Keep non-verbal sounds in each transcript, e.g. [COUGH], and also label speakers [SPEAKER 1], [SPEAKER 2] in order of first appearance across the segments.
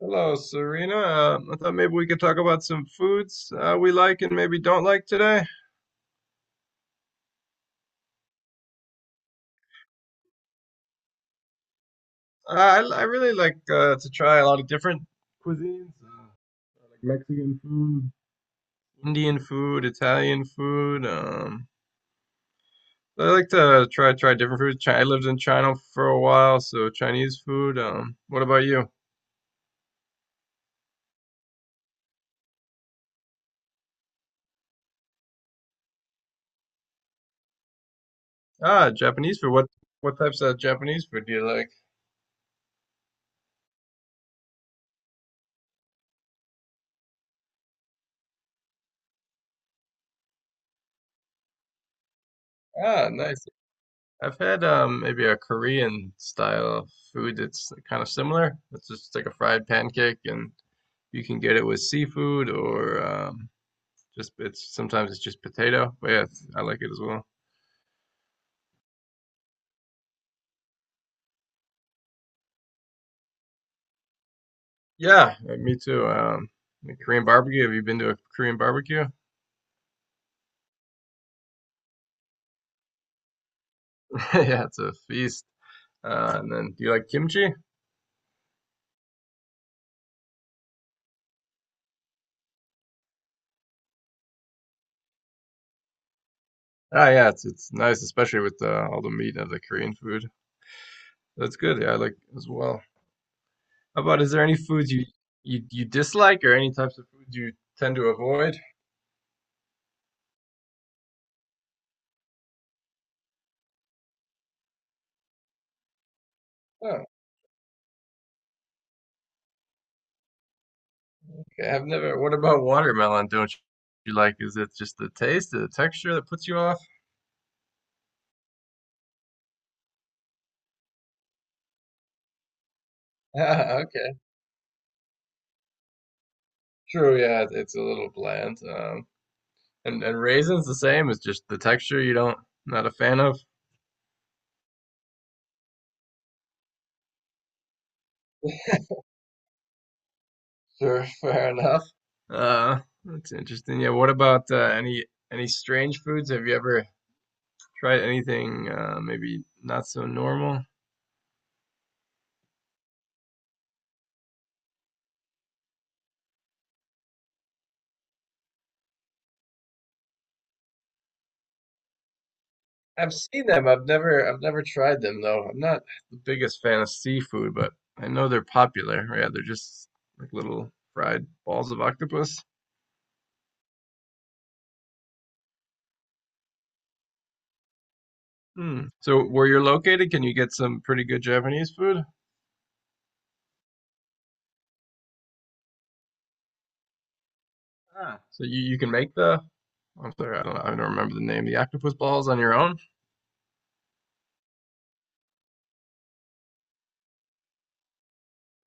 [SPEAKER 1] Hello, Serena. I thought maybe we could talk about some foods we like and maybe don't like today. I really like to try a lot of different cuisines, like Mexican food, Indian food, Italian food. I like to try different foods. I lived in China for a while, so Chinese food. What about you? Ah, Japanese food. What types of Japanese food do you like? Ah, nice. I've had maybe a Korean style food that's kind of similar. It's just like a fried pancake, and you can get it with seafood or just it's sometimes it's just potato. But yeah, it's- I like it as well. Yeah, me too. The Korean barbecue. Have you been to a Korean barbecue? [LAUGHS] Yeah, it's a feast. And then, do you like kimchi? Ah, yeah, it's nice, especially with all the meat of the Korean food. That's good. Yeah, I like as well. How about is there any foods you dislike or any types of foods you tend to avoid? Oh, okay. I've never. What about watermelon? Don't you like? Is it just the taste, the texture that puts you off? [LAUGHS] Okay, true. Yeah, it's a little bland. And raisins the same. It's just the texture you don't not a fan of. Sure, [LAUGHS] fair enough. That's interesting. Yeah. What about any strange foods? Have you ever tried anything maybe not so normal? I've seen them. I've never tried them though. I'm not the biggest fan of seafood, but I know they're popular. Yeah, they're just like little fried balls of octopus. Hmm. So where you're located, can you get some pretty good Japanese food? Ah. So you can make the I'm sorry, I don't know, I don't remember the name. The octopus balls on your own?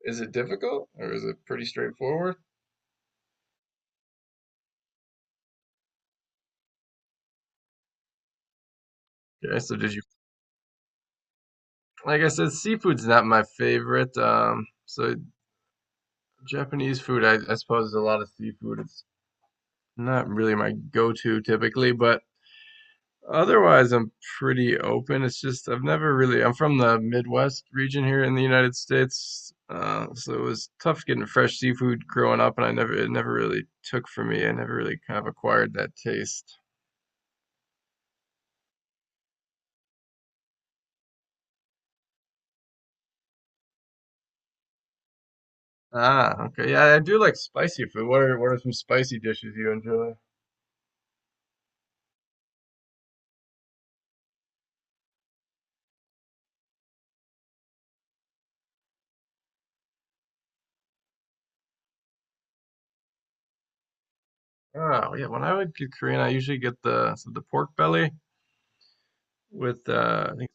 [SPEAKER 1] Is it difficult or is it pretty straightforward? Okay, so did you like I said, seafood's not my favorite. So Japanese food, I suppose, is a lot of seafood. It's not really my go-to typically, but otherwise I'm pretty open. It's just I've never really I'm from the Midwest region here in the United States, so it was tough getting fresh seafood growing up, and I never it never really took for me. I never really kind of acquired that taste. Ah, okay. Yeah, I do like spicy food. What are some spicy dishes you enjoy? Oh, yeah. When I would get Korean, I usually get the pork belly with I think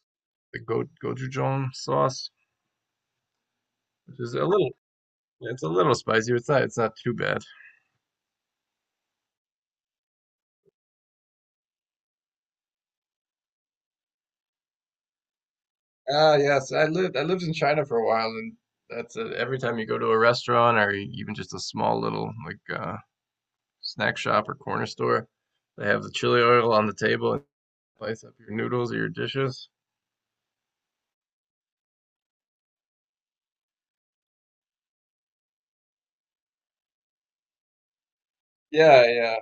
[SPEAKER 1] the go gochujang sauce, which is a little. Yeah, it's a little spicy. It's not. It's not too bad. Ah, yes. I lived in China for a while, and that's every time you go to a restaurant or even just a small little like snack shop or corner store, they have the chili oil on the table and spice up your noodles or your dishes. Yeah.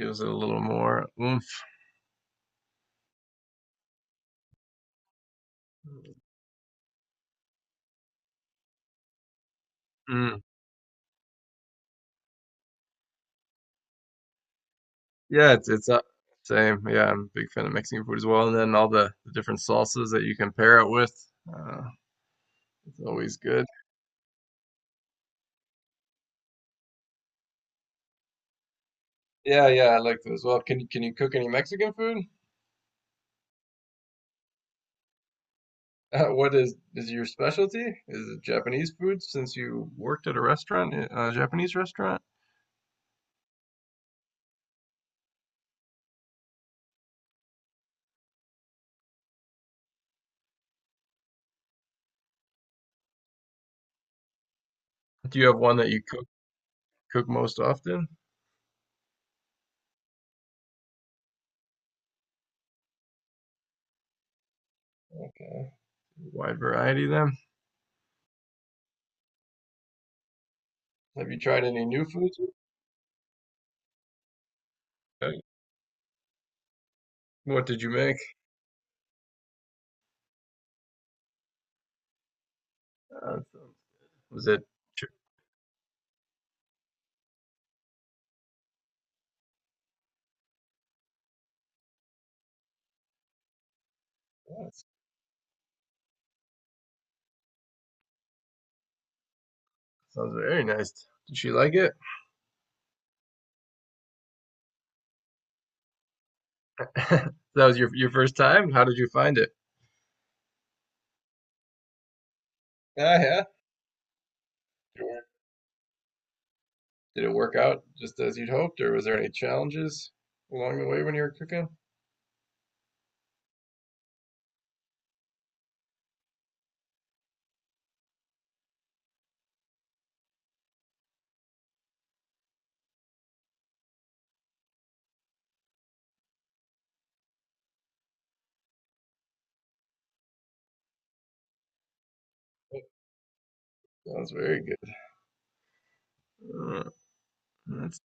[SPEAKER 1] Gives it a little more oomph. Mm. Yeah, it's same. Yeah, I'm a big fan of Mexican food as well, and then all the different salsas that you can pair it with. Uh, it's always good. Yeah, yeah, I like that as well. Can you cook any Mexican food? [LAUGHS] What is your specialty? Is it Japanese food since you worked at a restaurant, a Japanese restaurant? Do you have one that you cook cook most often? Okay. Wide variety then. Have you tried any new foods? Okay. What did you make? Uh, was it chi- yeah, sounds very nice. Did she like it? [LAUGHS] That was your first time? How did you find it? Yeah, yeah. Did it work out just as you'd hoped, or was there any challenges along the way when you were cooking? Sounds very good. That's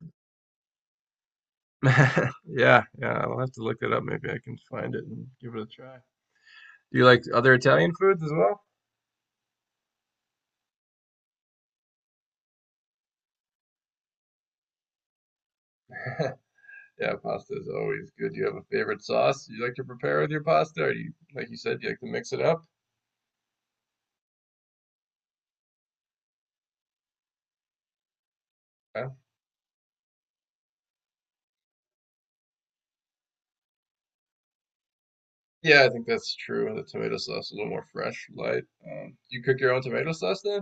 [SPEAKER 1] [LAUGHS] Yeah, yeah, I'll have to look it up. Maybe I can find it and give it a try. Do you like other Italian foods as well? [LAUGHS] Yeah, pasta is always good. Do you have a favorite sauce you like to prepare with your pasta? Or you, like you said, you like to mix it up? Yeah, yeah, I think that's true. The tomato sauce is a little more fresh, light. Do you cook your own tomato sauce then?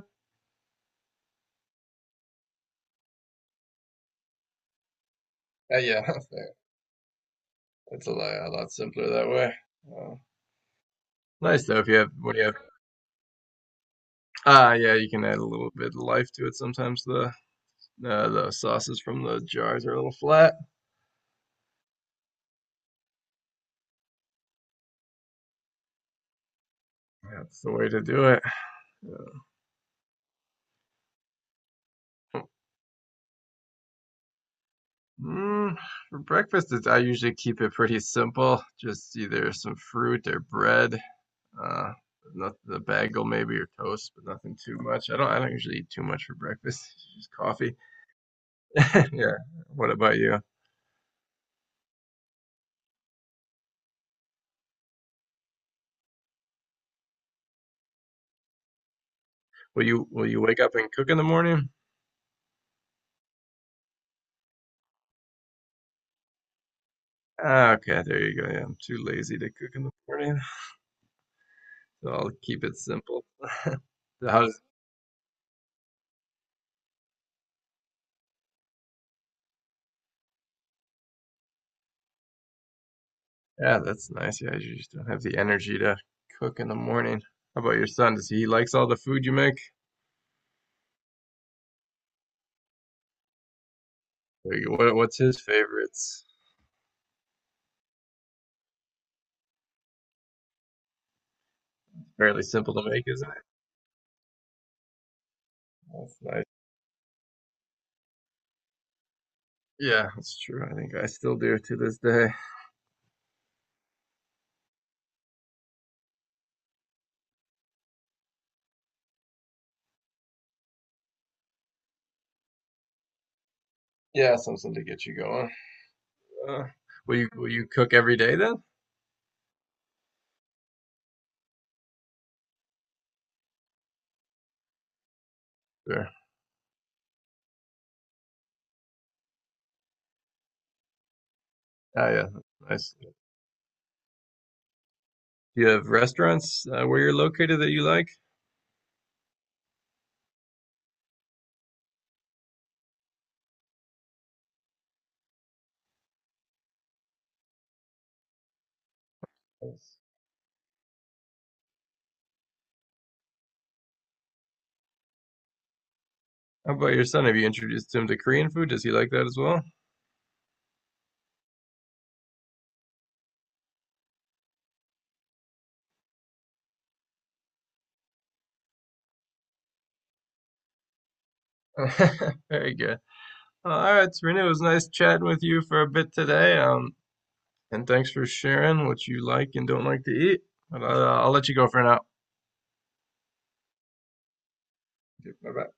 [SPEAKER 1] Yeah, [LAUGHS] it's a lot simpler that way. Uh, nice though if you have what do you have? Ah, yeah, you can add a little bit of life to it. Sometimes the sauces from the jars are a little flat. That's the way to do it. Mm, for breakfast, I usually keep it pretty simple. Just either some fruit or bread. Uh, not the bagel maybe or toast, but nothing too much. I don't. I don't usually eat too much for breakfast. [LAUGHS] Just coffee. [LAUGHS] Yeah. What about you? Will you wake up and cook in the morning? Ah, okay, there you go. Yeah, I'm too lazy to cook in the morning, so I'll keep it simple. [LAUGHS] So how does. Yeah, that's nice. Yeah, you just don't have the energy to cook in the morning. How about your son? Does he likes all the food you make? Like, what's his favorites? Fairly simple to make, isn't it? That's nice. Yeah, that's true. I think I still do to this day. Yeah, something to get you going. Uh, will you cook every day then? Sure. Ah, yeah, nice. Do you have restaurants where you're located that you like? Yes. How about your son? Have you introduced him to Korean food? Does he like that as well? [LAUGHS] Very good. All right, Serena, it was nice chatting with you for a bit today. And thanks for sharing what you like and don't like to eat. But, I'll let you go for now. Bye bye.